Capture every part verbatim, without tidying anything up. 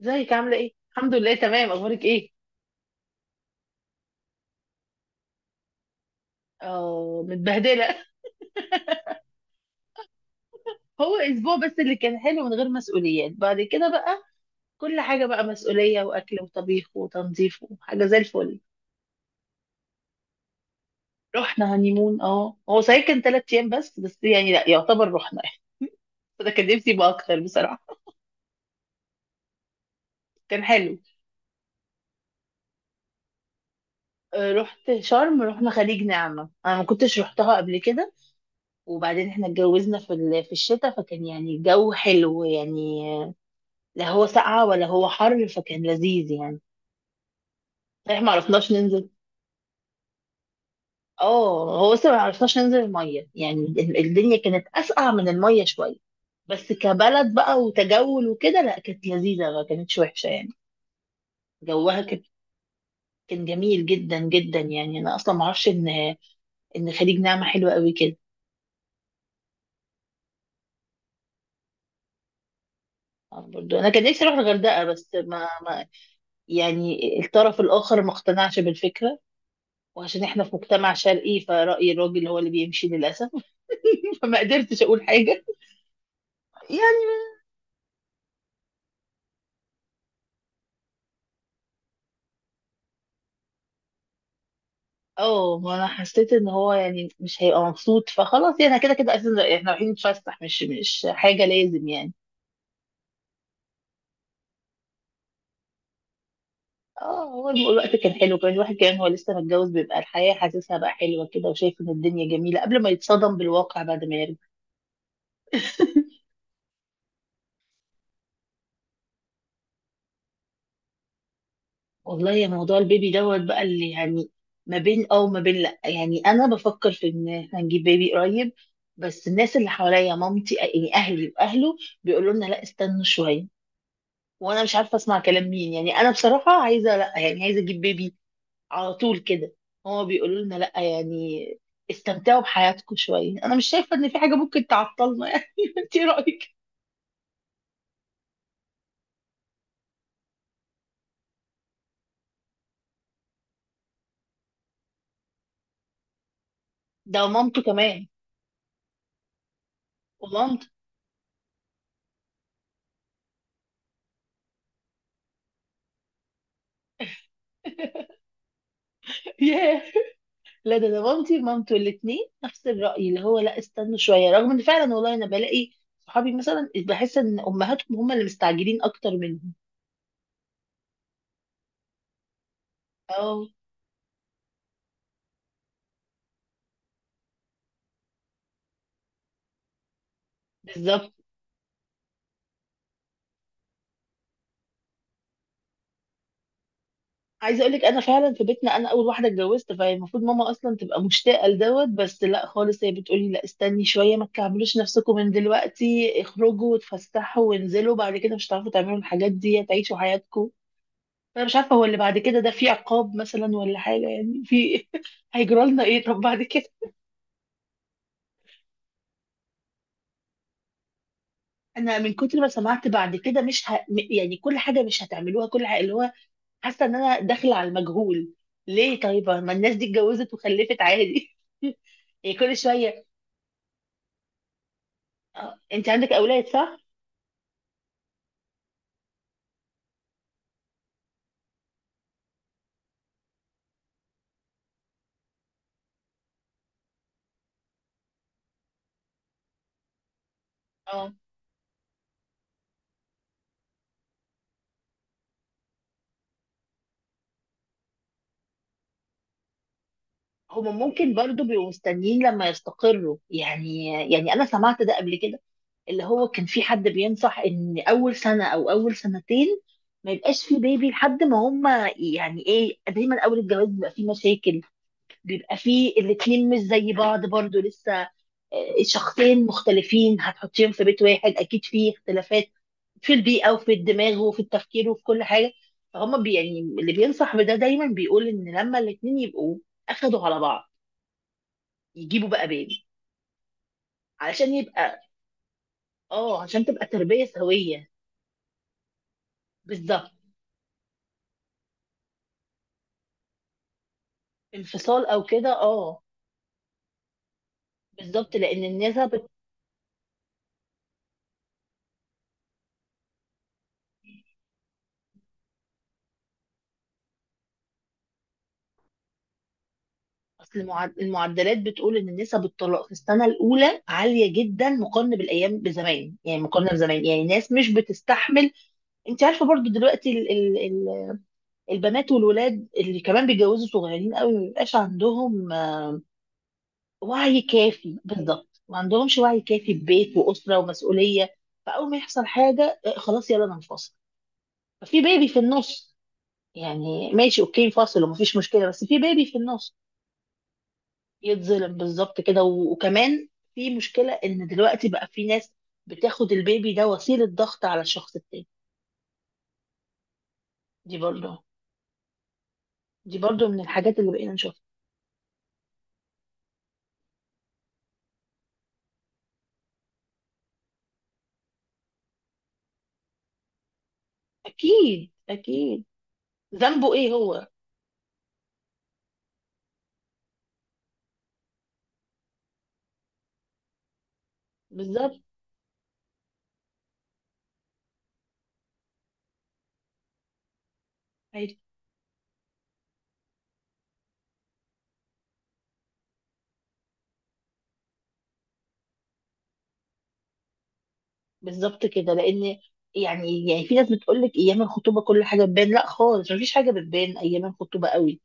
ازيك عاملة ايه؟ الحمد لله، تمام. اخبارك ايه؟ اه، متبهدلة. هو اسبوع بس اللي كان حلو من غير مسؤوليات، بعد كده بقى كل حاجة بقى مسؤولية، واكل وطبيخ وتنظيف، وحاجة زي الفل. رحنا هنيمون. اه، هو صحيح كان تلات ايام بس، بس يعني لا يعتبر رحنا يعني. انا كان نفسي يبقى اكتر بصراحة. كان حلو. آه، رحت شرم، رحنا خليج نعمة، انا ما كنتش رحتها قبل كده. وبعدين احنا اتجوزنا في ال- في الشتاء، فكان يعني الجو حلو يعني، لا هو ساقعة ولا هو حر، فكان لذيذ يعني. احنا ما عرفناش ننزل. اه، هو بس ما عرفناش ننزل الميه، يعني ال- الدنيا كانت اسقع من الميه شويه، بس كبلد بقى، وتجول وكده، لا كانت لذيذه، ما كانتش وحشه يعني. جوها كان كان جميل جدا جدا، يعني انا اصلا ما اعرفش ان ان خليج نعمه حلوه قوي كده. آه، برضو انا كان نفسي اروح الغردقه، بس ما, ما يعني الطرف الاخر ما اقتنعش بالفكره. وعشان احنا في مجتمع شرقي، فرأي الراجل هو اللي بيمشي للاسف. فما قدرتش اقول حاجه يعني. اه، ما انا حسيت ان هو يعني مش هيبقى مبسوط، فخلاص يعني، كده كده اساسا احنا رايحين نتفسح، مش مش حاجه لازم يعني. اه، هو الم- الوقت كان حلو كمان. الواحد كمان هو لسه متجوز، بيبقى الحياه حاسسها بقى حلوه كده، وشايف ان الدنيا جميله قبل ما يتصدم بالواقع بعد ما يرجع. والله يا، موضوع البيبي دوت بقى، اللي يعني ما بين اه وما بين لا، يعني انا بفكر في ان احنا نجيب بيبي قريب، بس الناس اللي حواليا، مامتي يعني، اهلي واهله، بيقولوا لنا لا، استنوا شويه. وانا مش عارفه اسمع كلام مين، يعني انا بصراحه عايزه، لا يعني عايزه اجيب بيبي على طول كده. هما بيقولوا لنا لا، يعني استمتعوا بحياتكم شويه. انا مش شايفه ان في حاجه ممكن تعطلنا يعني. انت إيه رايك؟ ده مامته كمان. ومامته. ياه، لا، ده ده مامتي ومامته الاثنين نفس الرأي، اللي هو لا، استنوا شوية. رغم ان فعلا والله انا بلاقي صحابي مثلا بحس ان امهاتهم هم اللي مستعجلين اكتر منهم. اه، بالظبط. عايزه اقول لك، انا فعلا في بيتنا انا اول واحده اتجوزت، فهي المفروض ماما اصلا تبقى مشتاقه لدوت، بس لا خالص، هي بتقولي لا، استني شويه، ما تكعبلوش نفسكم من دلوقتي، اخرجوا وتفسحوا وانزلوا، بعد كده مش هتعرفوا تعملوا الحاجات دي، تعيشوا حياتكم. انا مش عارفه هو اللي بعد كده ده في عقاب مثلا ولا حاجه يعني، في هيجرى لنا ايه طب بعد كده؟ انا من كتر ما سمعت بعد كده مش ه... م- يعني كل حاجه مش هتعملوها، كل حاجه، اللي هو حاسه ان انا داخله على المجهول. ليه طيب؟ ما الناس دي اتجوزت وخلفت عادي. يعني كل شوية. اه، انت عندك اولاد، صح؟ اه، هما ممكن برضو بيبقوا مستنيين لما يستقروا يعني يعني انا سمعت ده قبل كده، اللي هو كان في حد بينصح ان اول سنة او اول سنتين ما يبقاش في بيبي، لحد ما هما يعني ايه، دايما اول الجواز بيبقى فيه مشاكل. بيبقى فيه الاتنين مش زي بعض برضو لسه، آه، شخصين مختلفين هتحطيهم في بيت واحد، اكيد فيه اختلافات في البيئة، وفي الدماغ، وفي التفكير، وفي كل حاجة. فهم بي يعني اللي بينصح بده دايما بيقول ان لما الاتنين يبقوا اخدوا على بعض، يجيبوا بقى بيبي. علشان يبقى اه، عشان تبقى تربية سوية. بالظبط. انفصال او كده، اه. بالظبط، لان النسب، اصل المعد- المعدلات بتقول ان نسب الطلاق في السنة الاولى عالية جدا، مقارنة بالايام بزمان، يعني مقارنة بزمان، يعني ناس مش بتستحمل. انت عارفة برضو دلوقتي البنات والولاد اللي كمان بيتجوزوا صغيرين قوي، ما بيبقاش عندهم آه، وعي كافي. بالظبط، ما عندهمش وعي كافي ببيت واسره ومسؤوليه. فاول ما يحصل حاجه، آه، خلاص يلا انا انفصل. ففي بيبي في النص، يعني ماشي اوكي، فاصل ومفيش مشكله، بس في بيبي في النص يتظلم. بالظبط كده. و- وكمان في مشكله ان دلوقتي بقى في ناس بتاخد البيبي ده وسيله ضغط على الشخص التاني. دي برضه. دي برضه من الحاجات اللي بقينا نشوفها. اكيد اكيد. ذنبه ايه هو؟ بالظبط. أيوة. بالظبط كده، لان يعني يعني في ناس بتقول لك ايام الخطوبه كل حاجه بتبان، لا خالص، مفيش حاجه بتبان ايام الخطوبه قوي.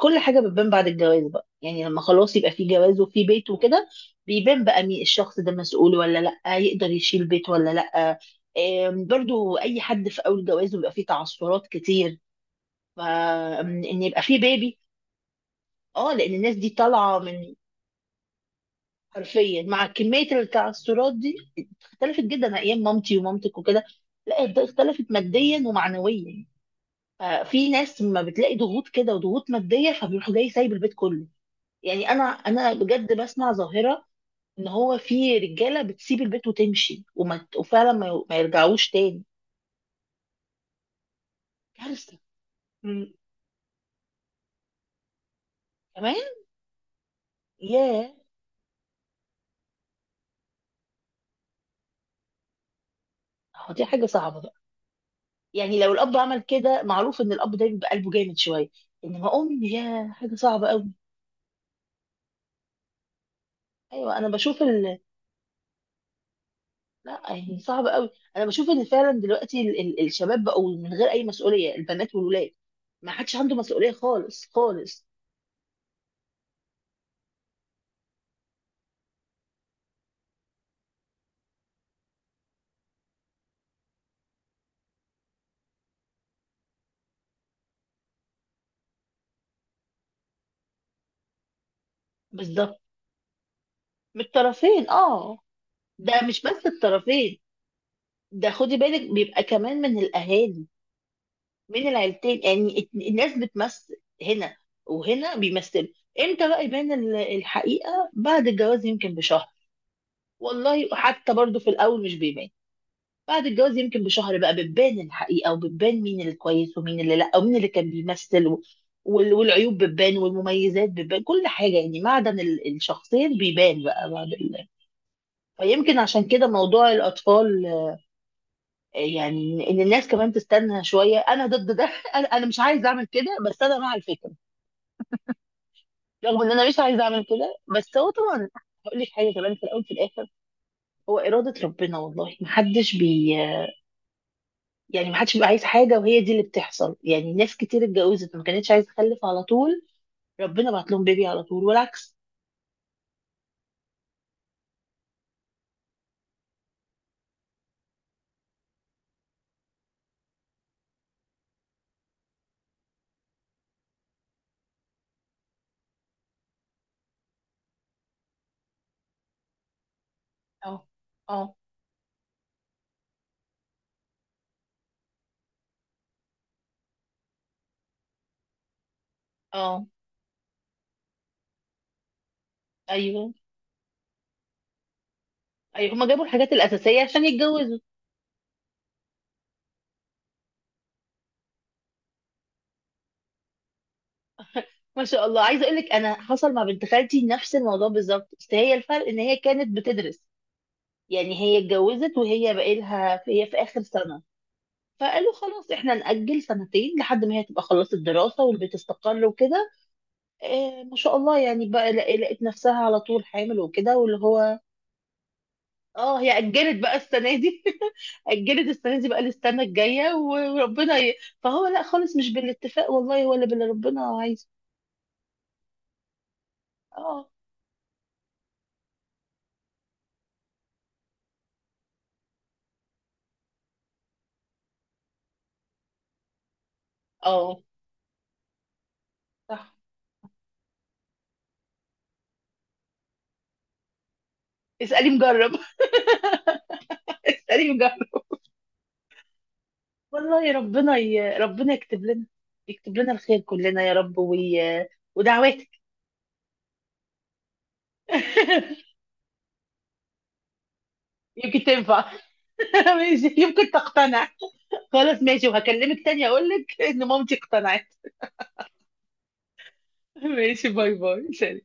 كل حاجه بتبان بعد الجواز بقى، يعني لما خلاص يبقى في جواز وفي بيت وكده، بيبان بقى مين الشخص ده، مسؤول ولا لا، يقدر يشيل بيت ولا لا. آم، برضو اي حد في اول جواز بيبقى فيه تعثرات كتير، فان يبقى فيه بيبي. اه، لان الناس دي طالعه من، حرفيا مع كميه التعثرات دي. اختلفت جدا ايام مامتي ومامتك وكده، لا ده اختلفت ماديا ومعنويا. ففي ناس ما بتلاقي ضغوط كده وضغوط ماديه، فبيروح جاي سايب البيت كله. يعني انا انا بجد بسمع ظاهره ان هو في رجاله بتسيب البيت وتمشي، وما وفعلا ما ما يرجعوش تاني. كارثه. مم، كمان. ياه، هو دي حاجه صعبه بقى. يعني لو الاب عمل كده، معروف ان الاب ده بيبقى قلبه جامد شويه، انما ام، ياه، حاجه صعبه قوي. ايوه، انا بشوف ال لا يعني صعب قوي. انا بشوف ان فعلا دلوقتي ال ال الشباب بقوا من غير اي مسؤوليه، البنات والولاد ما حدش عنده مسؤوليه خالص خالص. بالظبط من الطرفين. اه، ده مش بس الطرفين، ده خدي بالك بيبقى كمان من الاهالي، من العيلتين. يعني ات- الناس بتمثل هنا، وهنا بيمثلوا. امتى بقى يبان ال- الحقيقه؟ بعد الجواز يمكن بشهر. والله وحتى برضو في الاول مش بيبان، بعد الجواز يمكن بشهر بقى بتبان الحقيقة، وبتبان مين الكويس ومين اللي لا، ومين اللي كان بيمثل، و- وال- والعيوب بتبان والمميزات بتبان كل حاجة، يعني معدن ال- الشخصين بيبان بقى بعد ال... فيمكن عشان كده موضوع الأطفال، آه، يعني إن الناس كمان تستنى شوية. أنا ضد ده. أنا أنا مش عايزة أعمل كده، بس أنا مع الفكرة. رغم إن أنا مش عايزة أعمل كده، بس هو طبعا، هقول لك حاجة كمان، في الأول في الآخر هو إرادة ربنا، والله محدش بي يعني، ما حدش بيبقى عايز حاجه وهي دي اللي بتحصل. يعني ناس كتير اتجوزت ما كانتش عايزه تخلف على طول، ربنا بعت لهم بيبي على طول، والعكس. اه، اه، اه، ايوه، ايوه، هما جابوا الحاجات الاساسيه عشان يتجوزوا. ما شاء الله. عايزه اقول لك انا حصل مع بنت خالتي نفس الموضوع بالظبط، بس هي الفرق ان هي كانت بتدرس. يعني هي اتجوزت وهي بقى لها، هي في اخر سنه، فقالوا خلاص احنا نأجل سنتين، لحد ما هي تبقى خلصت دراسه والبيت استقر وكده. إيه ما شاء الله، يعني بقى لق- لقيت نفسها على طول حامل وكده، واللي هو اه هي اجلت بقى السنه دي. اجلت السنه دي بقى للسنه الجايه، وربنا ي... فهو لا خالص مش بالاتفاق والله ولا باللي ربنا عايزه. اه، اه، صح، اسالي مجرب. اسالي مجرب. والله ربنا ي... ربنا يكتب لنا يكتب لنا الخير كلنا يا رب، وي... ودعواتك. يمكن تنفع. ماشي، يمكن تقتنع. خلاص ماشي، وهكلمك تاني اقول لك ان مامتي اقتنعت. ماشي، باي باي، سلام.